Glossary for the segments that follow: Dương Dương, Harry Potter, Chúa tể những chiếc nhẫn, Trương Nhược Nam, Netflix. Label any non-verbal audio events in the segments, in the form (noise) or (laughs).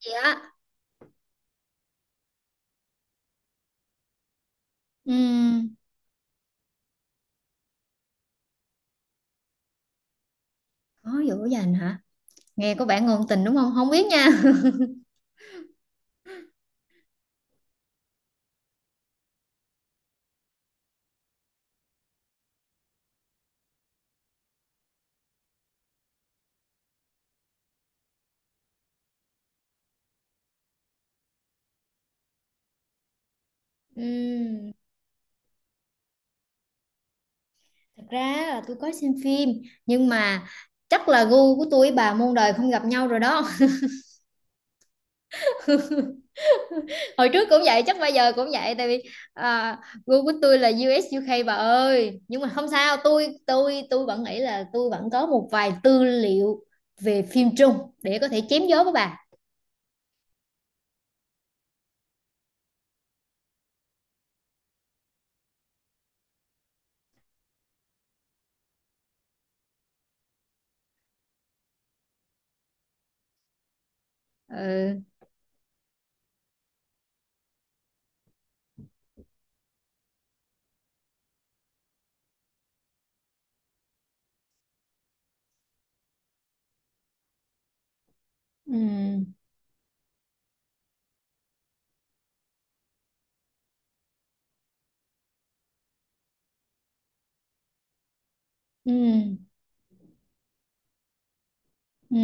Dạ. Ừm, Khó dỗ dành hả? Nghe có vẻ ngôn tình đúng không? Không biết nha. (laughs) Ừm, Thật ra là tôi có xem phim nhưng mà chắc là gu của tôi với bà muôn đời không gặp nhau rồi đó. (laughs) Hồi trước cũng vậy, chắc bây giờ cũng vậy tại vì à, gu của tôi là U.S. u UK bà ơi. Nhưng mà không sao, tôi vẫn nghĩ là tôi vẫn có một vài tư liệu về phim Trung để có thể chém gió với bà. Ừ. Ừ, ừ, ừ,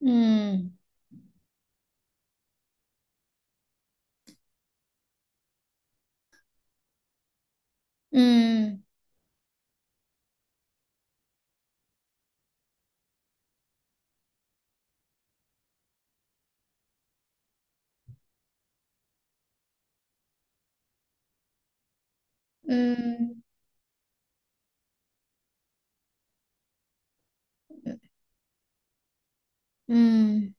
ừm, ừm. Ừ, ừ,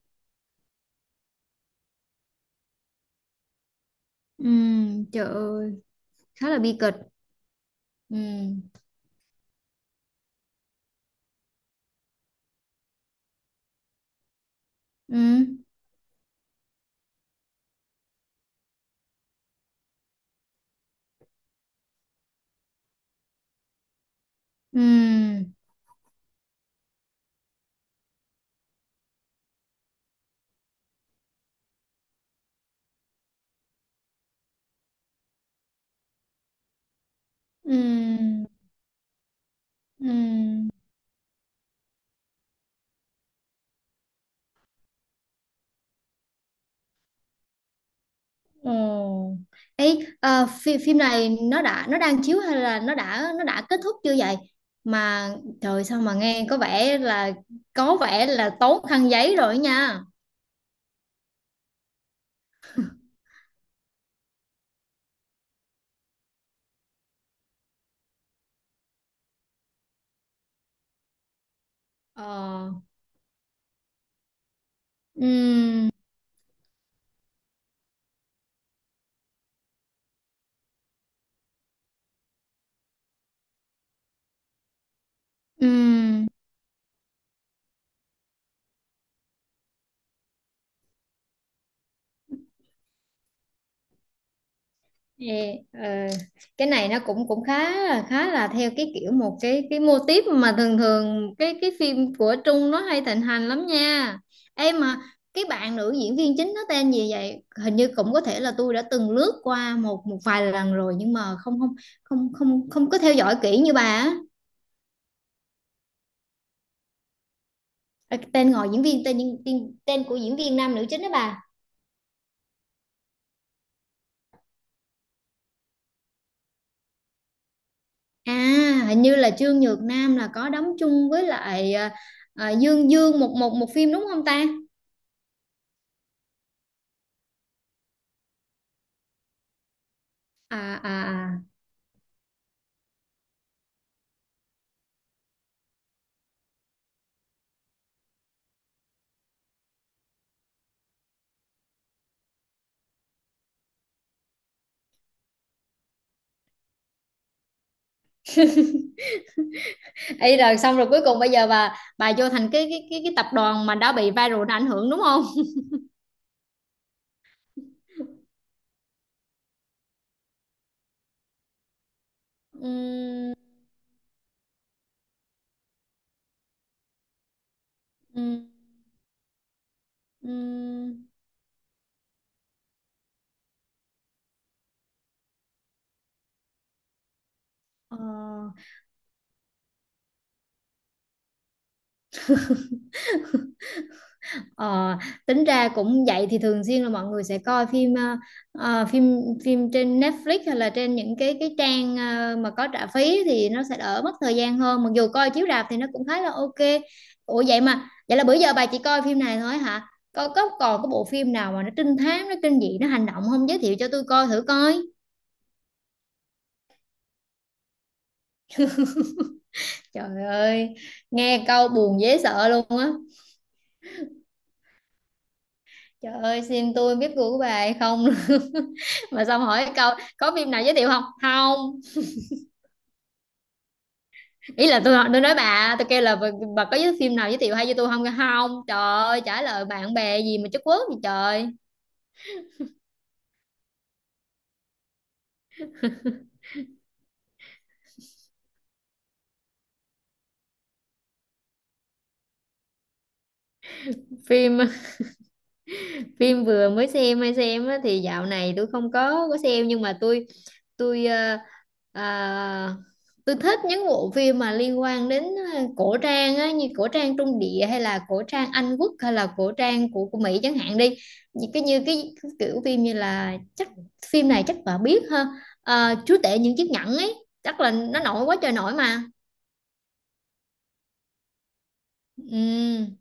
ừ, trời ơi, khá là bi kịch. Ừ, ừ, ừ, ừ, ừ, ồ. Ấy, phim này nó đã nó đang chiếu hay là nó đã kết thúc chưa vậy? Mà trời sao mà nghe có vẻ là tốn khăn giấy rồi nha. Ờ, ừ, ừ. Ê, cái này nó cũng cũng khá là theo cái kiểu một cái mô típ mà thường thường cái phim của Trung nó hay thịnh hành lắm nha em mà cái bạn nữ diễn viên chính nó tên gì vậy, hình như cũng có thể là tôi đã từng lướt qua một một vài lần rồi nhưng mà không không không không không có theo dõi kỹ như bà á. Ờ, tên ngồi diễn viên tên, tên của diễn viên nam nữ chính đó bà. À, hình như là Trương Nhược Nam là có đóng chung với lại Dương Dương một một một phim đúng không ta? à à à Ấy rồi xong rồi cuối cùng bây giờ bà vô thành cái tập đoàn mà đã bị viral nó ảnh hưởng đúng không? Ừ, ừ, ừ. Ờ, ờ, tính ra cũng vậy thì thường xuyên là mọi người sẽ coi phim phim phim trên Netflix hay là trên những cái trang mà có trả phí thì nó sẽ đỡ mất thời gian hơn, mặc dù coi chiếu rạp thì nó cũng khá là ok. Ủa vậy mà vậy là bữa giờ bà chỉ coi phim này thôi hả? Có còn có bộ phim nào mà nó trinh thám, nó kinh dị, nó hành động không, giới thiệu cho tôi coi thử coi. Trời ơi, nghe câu buồn dễ sợ luôn á. Trời ơi, xin tôi biết gu của bà hay không? (laughs) Mà xong hỏi câu có phim nào giới thiệu không? Không. Ý là tôi nói bà, tôi kêu là bà có giới phim nào giới thiệu hay cho tôi không? Không. Trời ơi, trả lời bạn bè gì mà chất quốc gì trời. Phim Phim vừa mới xem hay xem á, thì dạo này tôi không có xem, nhưng mà tôi ờ, tôi thích những bộ phim mà liên quan đến cổ trang á, như cổ trang Trung Địa hay là cổ trang Anh Quốc hay là cổ trang của Mỹ chẳng hạn đi, như cái kiểu phim như là chắc phim này chắc bà biết ha. Ờ, Chúa tể những chiếc nhẫn ấy, chắc là nó nổi quá trời nổi mà. Ừ.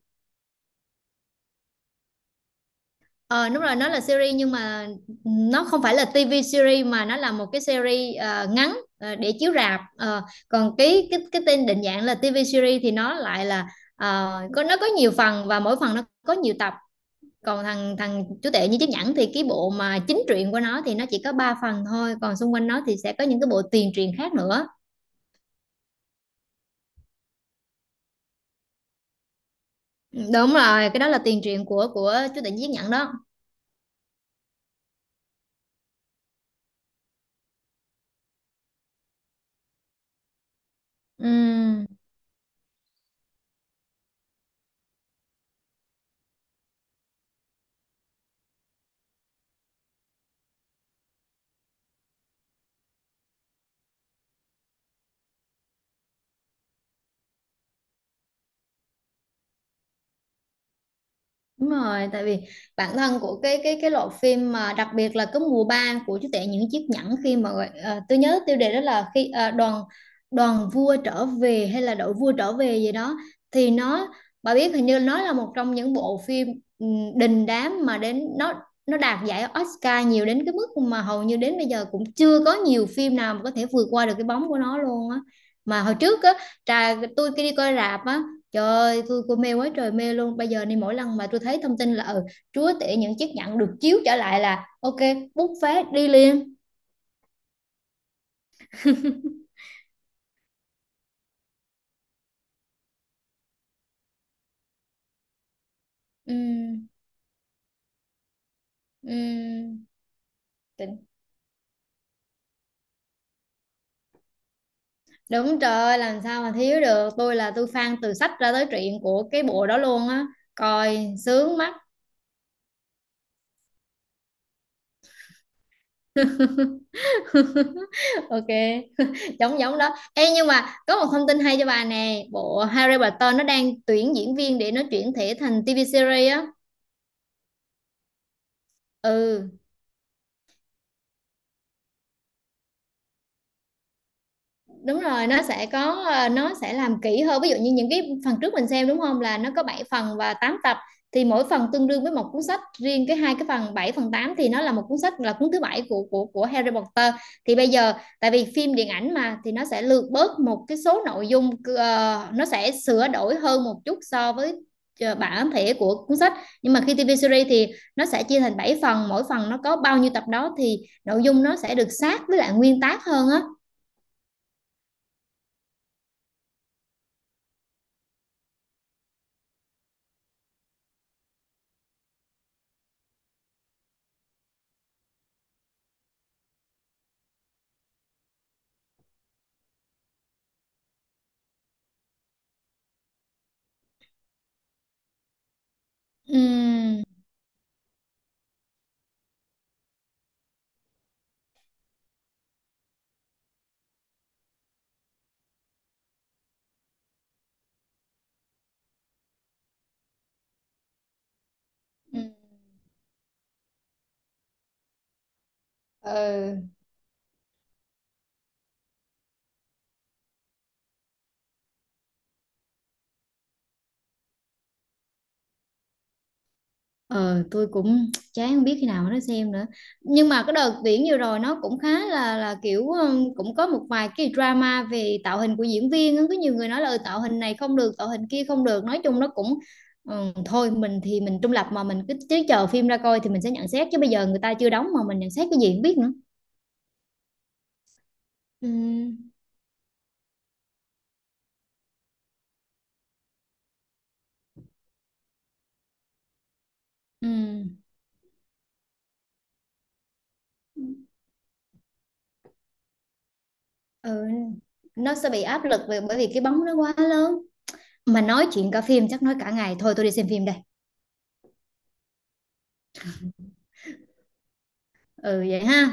Ờ đúng rồi, nó là series nhưng mà nó không phải là TV series, mà nó là một cái series ngắn để chiếu rạp. Ờ, còn cái tên định dạng là TV series thì nó lại là có nó có nhiều phần, và mỗi phần nó có nhiều tập. Còn thằng thằng chú tệ như chiếc nhẫn thì cái bộ mà chính truyện của nó thì nó chỉ có 3 phần thôi, còn xung quanh nó thì sẽ có những cái bộ tiền truyện khác nữa. Ừ, đúng rồi, cái đó là tiền truyện của chú tệ như chiếc nhẫn đó. Ừ. Đúng rồi, tại vì bản thân của cái loại phim, mà đặc biệt là cái mùa 3 của chú tể những chiếc nhẫn khi mà gọi- tôi nhớ tiêu đề đó là khi đoàn đoàn vua trở về hay là đội vua trở về gì đó, thì nó, bà biết hình như nó là một trong những bộ phim đình đám mà đến nó đạt giải Oscar nhiều đến cái mức mà hầu như đến bây giờ cũng chưa có nhiều phim nào mà có thể vượt qua được cái bóng của nó luôn á. Mà hồi trước á, trà tôi khi đi coi rạp á, trời ơi, tôi cô mê quá trời mê luôn. Bây giờ này mỗi lần mà tôi thấy thông tin là ừ, chúa tể những chiếc nhẫn được chiếu trở lại là ok, bút phát đi liền. (laughs) Ừ, ừ, tỉnh. Đúng, trời ơi, làm sao mà thiếu được. Tôi là tôi fan từ sách ra tới truyện của cái bộ đó luôn á. Coi sướng mắt. (laughs) Ok, (laughs) giống giống đó. Ê nhưng mà có một thông tin hay cho bà nè, bộ Harry Potter nó đang tuyển diễn viên để nó chuyển thể thành TV series á. Ừ. Đúng rồi, nó sẽ có nó sẽ làm kỹ hơn. Ví dụ như những cái phần trước mình xem đúng không, là nó có 7 phần và 8 tập, thì mỗi phần tương đương với một cuốn sách, riêng cái hai cái phần 7 phần 8 thì nó là một cuốn sách, là cuốn thứ bảy của của Harry Potter. Thì bây giờ tại vì phim điện ảnh mà thì nó sẽ lược bớt một cái số nội dung, nó sẽ sửa đổi hơn một chút so với bản thể của cuốn sách. Nhưng mà khi TV series thì nó sẽ chia thành 7 phần, mỗi phần nó có bao nhiêu tập đó thì nội dung nó sẽ được sát với lại nguyên tác hơn á. Ừm. Ừ. Ừ. Ờ, tôi cũng (tsk) chán không biết khi nào mà nó xem nữa. Nhưng mà cái đợt Viễn vừa rồi nó cũng khá là kiểu cũng có một vài cái drama về tạo hình của diễn viên á. Có nhiều người nói là "Ừ, tạo hình này không được, tạo hình kia không được". Nói chung nó cũng thôi, mình thì mình trung lập mà mình cứ chờ phim ra coi thì mình sẽ nhận xét, chứ bây giờ người ta chưa đóng mà mình nhận xét cái gì không biết nữa. Ừ. Ừ, ừ, nó sẽ bị áp lực về bởi vì cái bóng nó quá lớn. Mà nói chuyện cả phim chắc nói cả ngày, thôi tôi đi xem phim đây. Ừ vậy ha.